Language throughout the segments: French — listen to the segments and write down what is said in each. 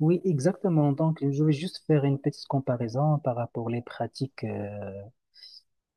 Oui, exactement. Donc, je vais juste faire une petite comparaison par rapport les pratiques euh,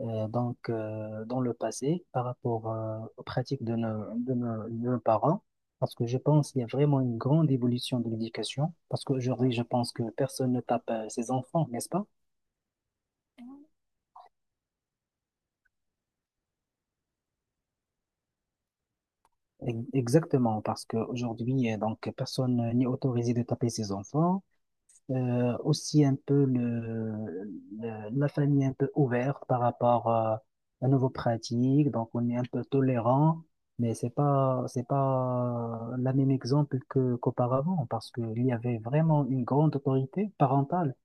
euh, donc, euh, dans le passé, par rapport aux pratiques de nos parents, parce que je pense qu'il y a vraiment une grande évolution de l'éducation, parce qu'aujourd'hui, je pense que personne ne tape ses enfants, n'est-ce pas? Exactement, parce qu'aujourd'hui, personne n'est autorisé de taper ses enfants. Aussi un peu la famille est un peu ouverte par rapport à nouveaux pratiques, donc on est un peu tolérant, mais c'est pas la même exemple que qu'auparavant parce qu'il y avait vraiment une grande autorité parentale.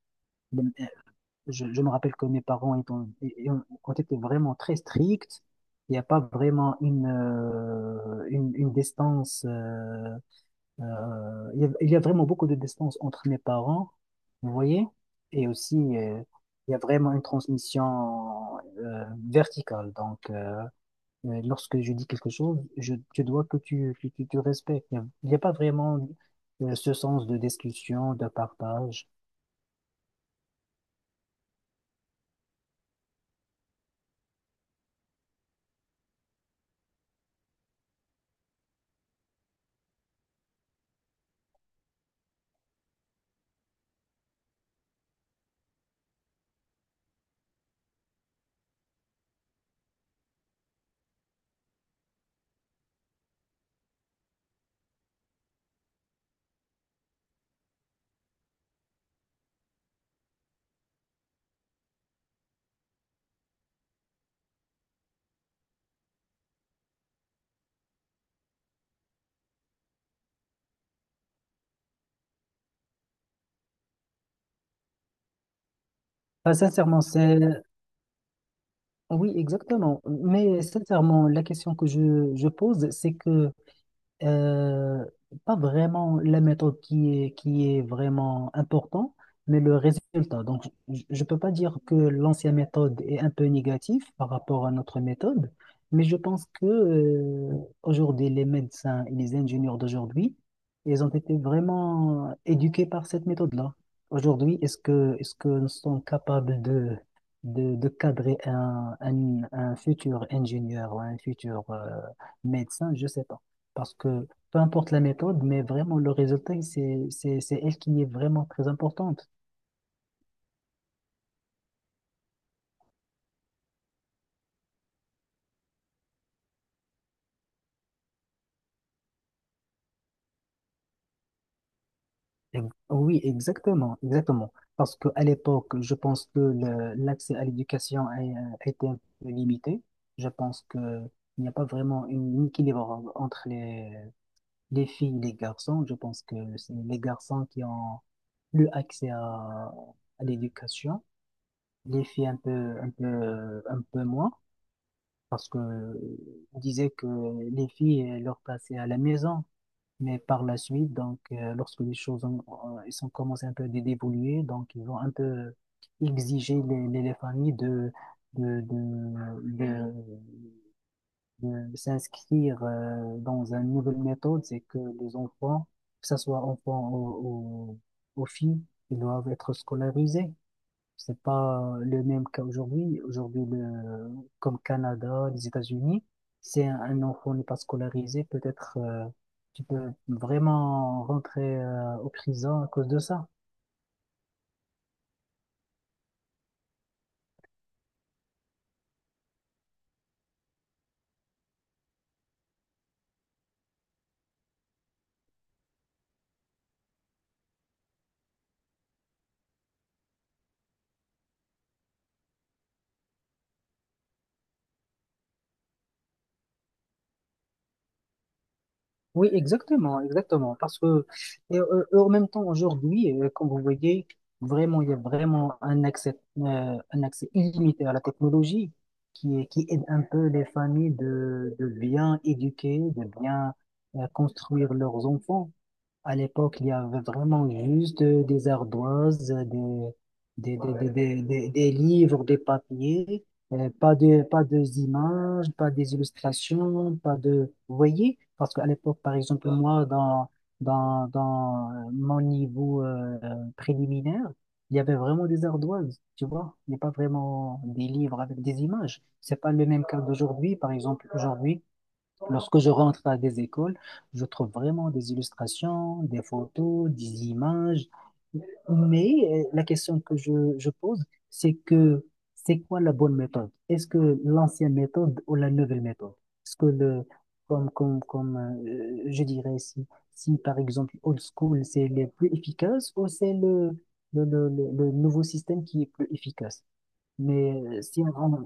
Je me rappelle que mes parents ont été vraiment très stricts. Il n'y a pas vraiment une distance il y a vraiment beaucoup de distance entre mes parents, vous voyez, et aussi il y a vraiment une transmission verticale. Donc, lorsque je dis quelque chose, je dois que tu respectes. Il y a pas vraiment ce sens de discussion, de partage. Enfin, sincèrement, c'est... Oui, exactement. Mais sincèrement, la question que je pose, c'est que Euh, pas vraiment la méthode qui est vraiment importante, mais le résultat. Donc, je ne peux pas dire que l'ancienne méthode est un peu négative par rapport à notre méthode, mais je pense que aujourd'hui, les médecins et les ingénieurs d'aujourd'hui, ils ont été vraiment éduqués par cette méthode-là. Aujourd'hui, est-ce que nous sommes capables de cadrer un futur ingénieur ou un futur médecin? Je ne sais pas. Parce que peu importe la méthode, mais vraiment le résultat, c'est elle qui est vraiment très importante. Oui, exactement, exactement. Parce qu'à l'époque, je pense que l'accès à l'éducation a été un peu limité. Je pense qu'il n'y a pas vraiment un équilibre entre les filles, les garçons, je pense que c'est les garçons qui ont plus accès à l'éducation, les filles un peu moins, parce que on disait que les filles leur passaient à la maison, mais par la suite, donc lorsque les choses elles ont commencé un peu à d'évoluer, donc ils ont un peu exigé les familles de, de, de- de s'inscrire dans une nouvelle méthode, c'est que les enfants, que ce soit enfants ou filles, ils doivent être scolarisés. C'est pas le même cas aujourd'hui. Aujourd'hui, le, comme Canada, les États-Unis, si un enfant n'est pas scolarisé, peut-être tu peux vraiment rentrer au prison à cause de ça. Oui, exactement, exactement. Parce que, et en même temps, aujourd'hui, comme vous voyez, vraiment, il y a vraiment un un accès illimité à la technologie qui aide un peu les familles de bien éduquer, de bien, construire leurs enfants. À l'époque, il y avait vraiment juste des ardoises, des, Ouais. Des livres, des papiers, pas de, pas de images, pas des illustrations, pas de... Vous voyez? Parce qu'à l'époque, par exemple, moi, dans mon niveau préliminaire, il y avait vraiment des ardoises, tu vois? Il n'y a pas vraiment des livres avec des images. C'est pas le même cas d'aujourd'hui, par exemple, aujourd'hui. Lorsque je rentre à des écoles, je trouve vraiment des illustrations, des photos, des images. Mais la question que je pose, c'est que c'est quoi la bonne méthode? Est-ce que l'ancienne méthode ou la nouvelle méthode? Est-ce que le, comme je dirais, si, si par exemple old school, c'est le plus efficace ou c'est le nouveau système qui est plus efficace? Mais si on,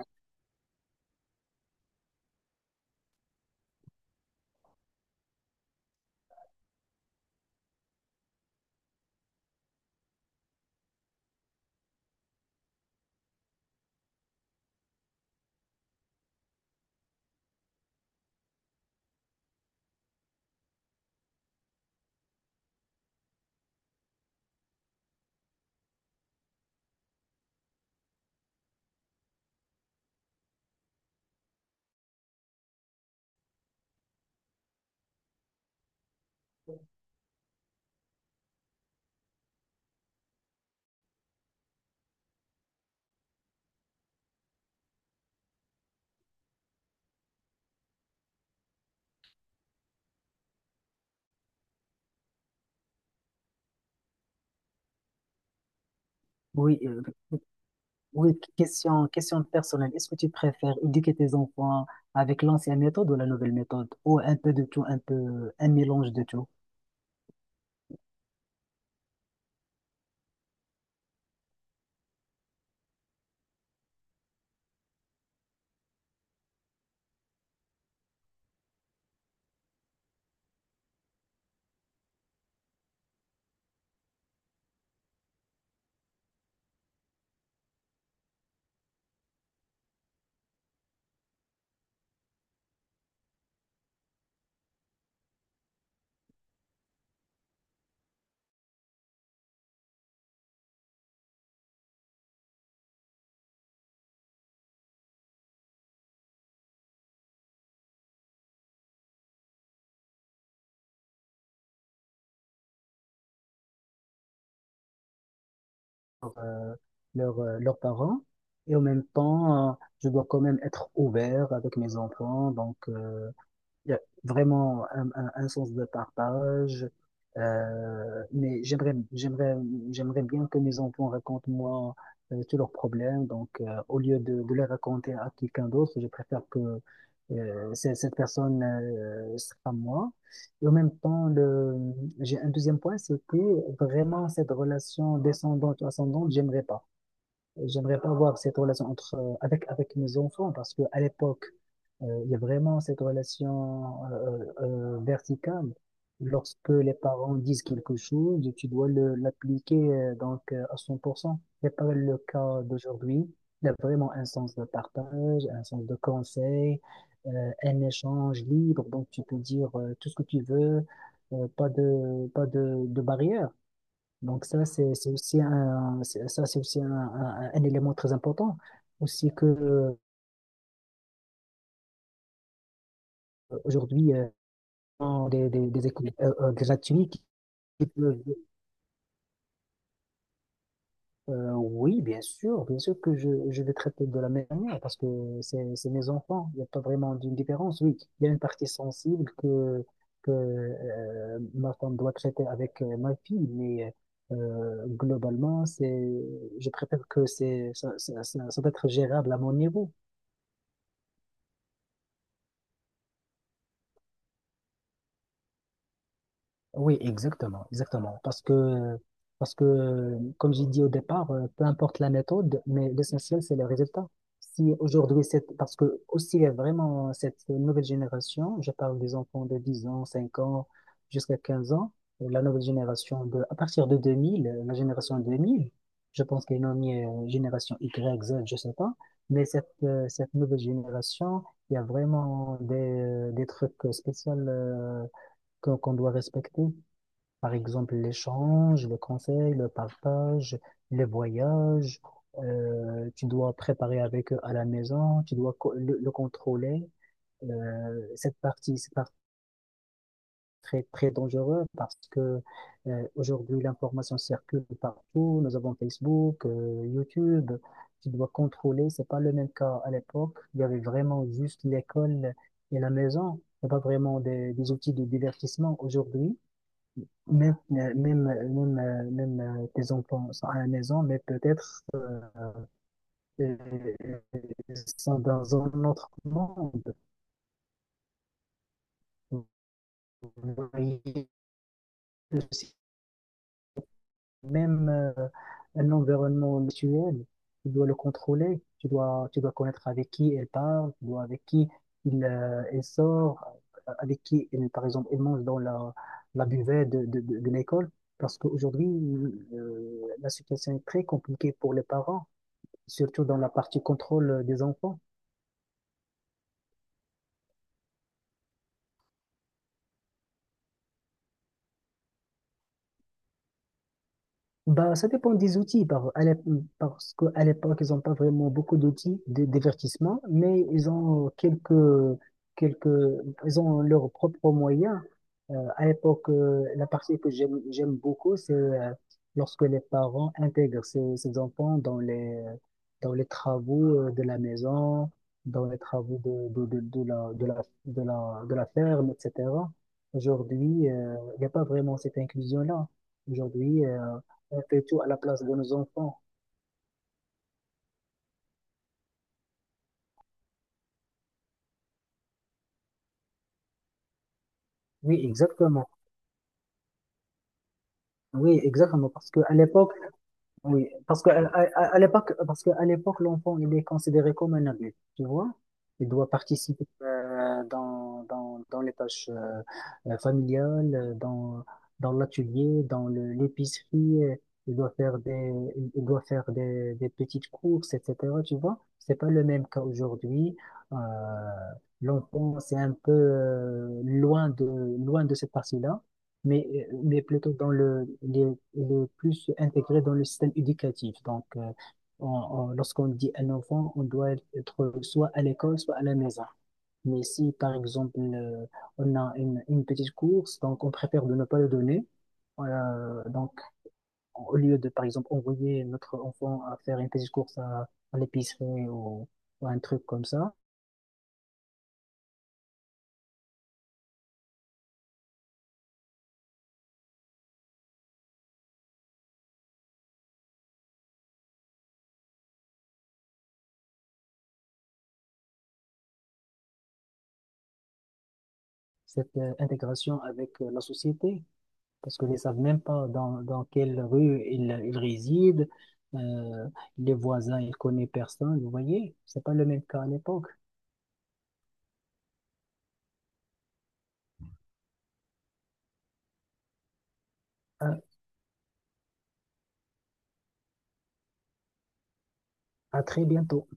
oui, Oui, question personnelle. Est-ce que tu préfères éduquer tes enfants avec l'ancienne méthode ou la nouvelle méthode? Ou un peu de tout, un peu, un mélange de tout, euh, leurs parents. Et en même temps, je dois quand même être ouvert avec mes enfants. Donc, il y a vraiment un sens de partage. Euh, mais j'aimerais, j'aimerais, J'aimerais bien que mes enfants racontent moi tous leurs problèmes. Donc, de les raconter à quelqu'un d'autre, je préfère que cette personne sera moi. Et en même temps, le, j'ai un deuxième point, c'est que vraiment cette relation descendante-ascendante, j'aimerais pas. J'aimerais pas avoir cette relation entre, avec mes enfants parce que à l'époque, il y a vraiment cette relation verticale. Lorsque les parents disent quelque chose, tu dois l'appliquer à 100% n'est pas le cas d'aujourd'hui. Il y a vraiment un sens de partage, un sens de conseil, un échange libre. Donc tu peux dire tout ce que tu veux, pas de pas de, de barrière. Donc ça, c'est aussi un, c'est aussi un élément très important. Aussi que aujourd'hui, on des écoles gratuites qui peuvent... Oui, bien sûr que je vais traiter de la même manière parce que c'est mes enfants. Il n'y a pas vraiment d'une différence. Oui, il y a une partie sensible que ma femme doit traiter avec ma fille, mais globalement, je préfère que c'est, ça doit être gérable à mon niveau. Oui, exactement, exactement. Parce que, comme j'ai dit au départ, peu importe la méthode, mais l'essentiel, c'est le résultat. Si aujourd'hui, c'est parce que aussi il y a vraiment cette nouvelle génération, je parle des enfants de 10 ans, 5 ans, jusqu'à 15 ans, et la nouvelle génération de, à partir de 2000, la génération 2000. Je pense qu'elle est nommée génération Y, Z, je sais pas, mais cette nouvelle génération, il y a vraiment des trucs spéciaux, qu'on doit respecter. Par exemple, l'échange, le conseil, le partage, les voyages. Tu dois préparer avec eux à la maison, tu dois le contrôler. Cette partie, c'est très, très dangereux parce que aujourd'hui, l'information circule partout. Nous avons Facebook, YouTube. Tu dois contrôler. C'est pas le même cas à l'époque. Il y avait vraiment juste l'école et la maison. Il n'y a pas vraiment des outils de divertissement aujourd'hui. Même, même, même, même Tes enfants sont à la maison, mais peut-être euh, ils sont dans un autre monde. Vous voyez, c'est même un environnement virtuel, tu dois le contrôler, tu dois connaître avec qui elle parle, tu dois avec qui elle sort, avec qui, elle, par exemple, elle mange dans la, la buvette de l'école. Parce qu'aujourd'hui, la situation est très compliquée pour les parents, surtout dans la partie contrôle des enfants. Bah, ça dépend des outils, parce qu'à l'époque, ils n'ont pas vraiment beaucoup d'outils de divertissement, mais ils ont quelques, ils ont leurs propres moyens. À l'époque, la partie que j'aime beaucoup, c'est lorsque les parents intègrent ces enfants dans les travaux de la maison, dans les travaux de la, de la, de la, de la ferme, etc. Aujourd'hui, il n'y a pas vraiment cette inclusion-là. Aujourd'hui, on fait tout à la place de nos enfants. Oui, exactement. Oui, exactement. Parce qu'à l'époque, oui, parce qu'à l'époque, parce qu'à l'époque, l'enfant, il est considéré comme un adulte, tu vois. Il doit participer dans les tâches familiales, dans l'atelier, dans l'épicerie. Il doit faire des, il doit faire des petites courses, etc. Tu vois, c'est pas le même cas aujourd'hui. Euh, L'enfant, c'est un peu loin de cette partie-là, mais, plutôt dans le, il est plus intégré dans le système éducatif. Donc, lorsqu'on dit un enfant, on doit être soit à l'école, soit à la maison. Mais si, par exemple, on a une petite course, donc on préfère de ne pas le donner. Euh, donc, Au lieu de, par exemple, envoyer notre enfant à faire une petite course à l'épicerie ou un truc comme ça, cette intégration avec la société, parce qu'ils ne savent même pas dans quelle rue ils résident, euh, les voisins, ils ne connaissent personne, vous voyez, c'est pas le même cas à l'époque. À, à très bientôt.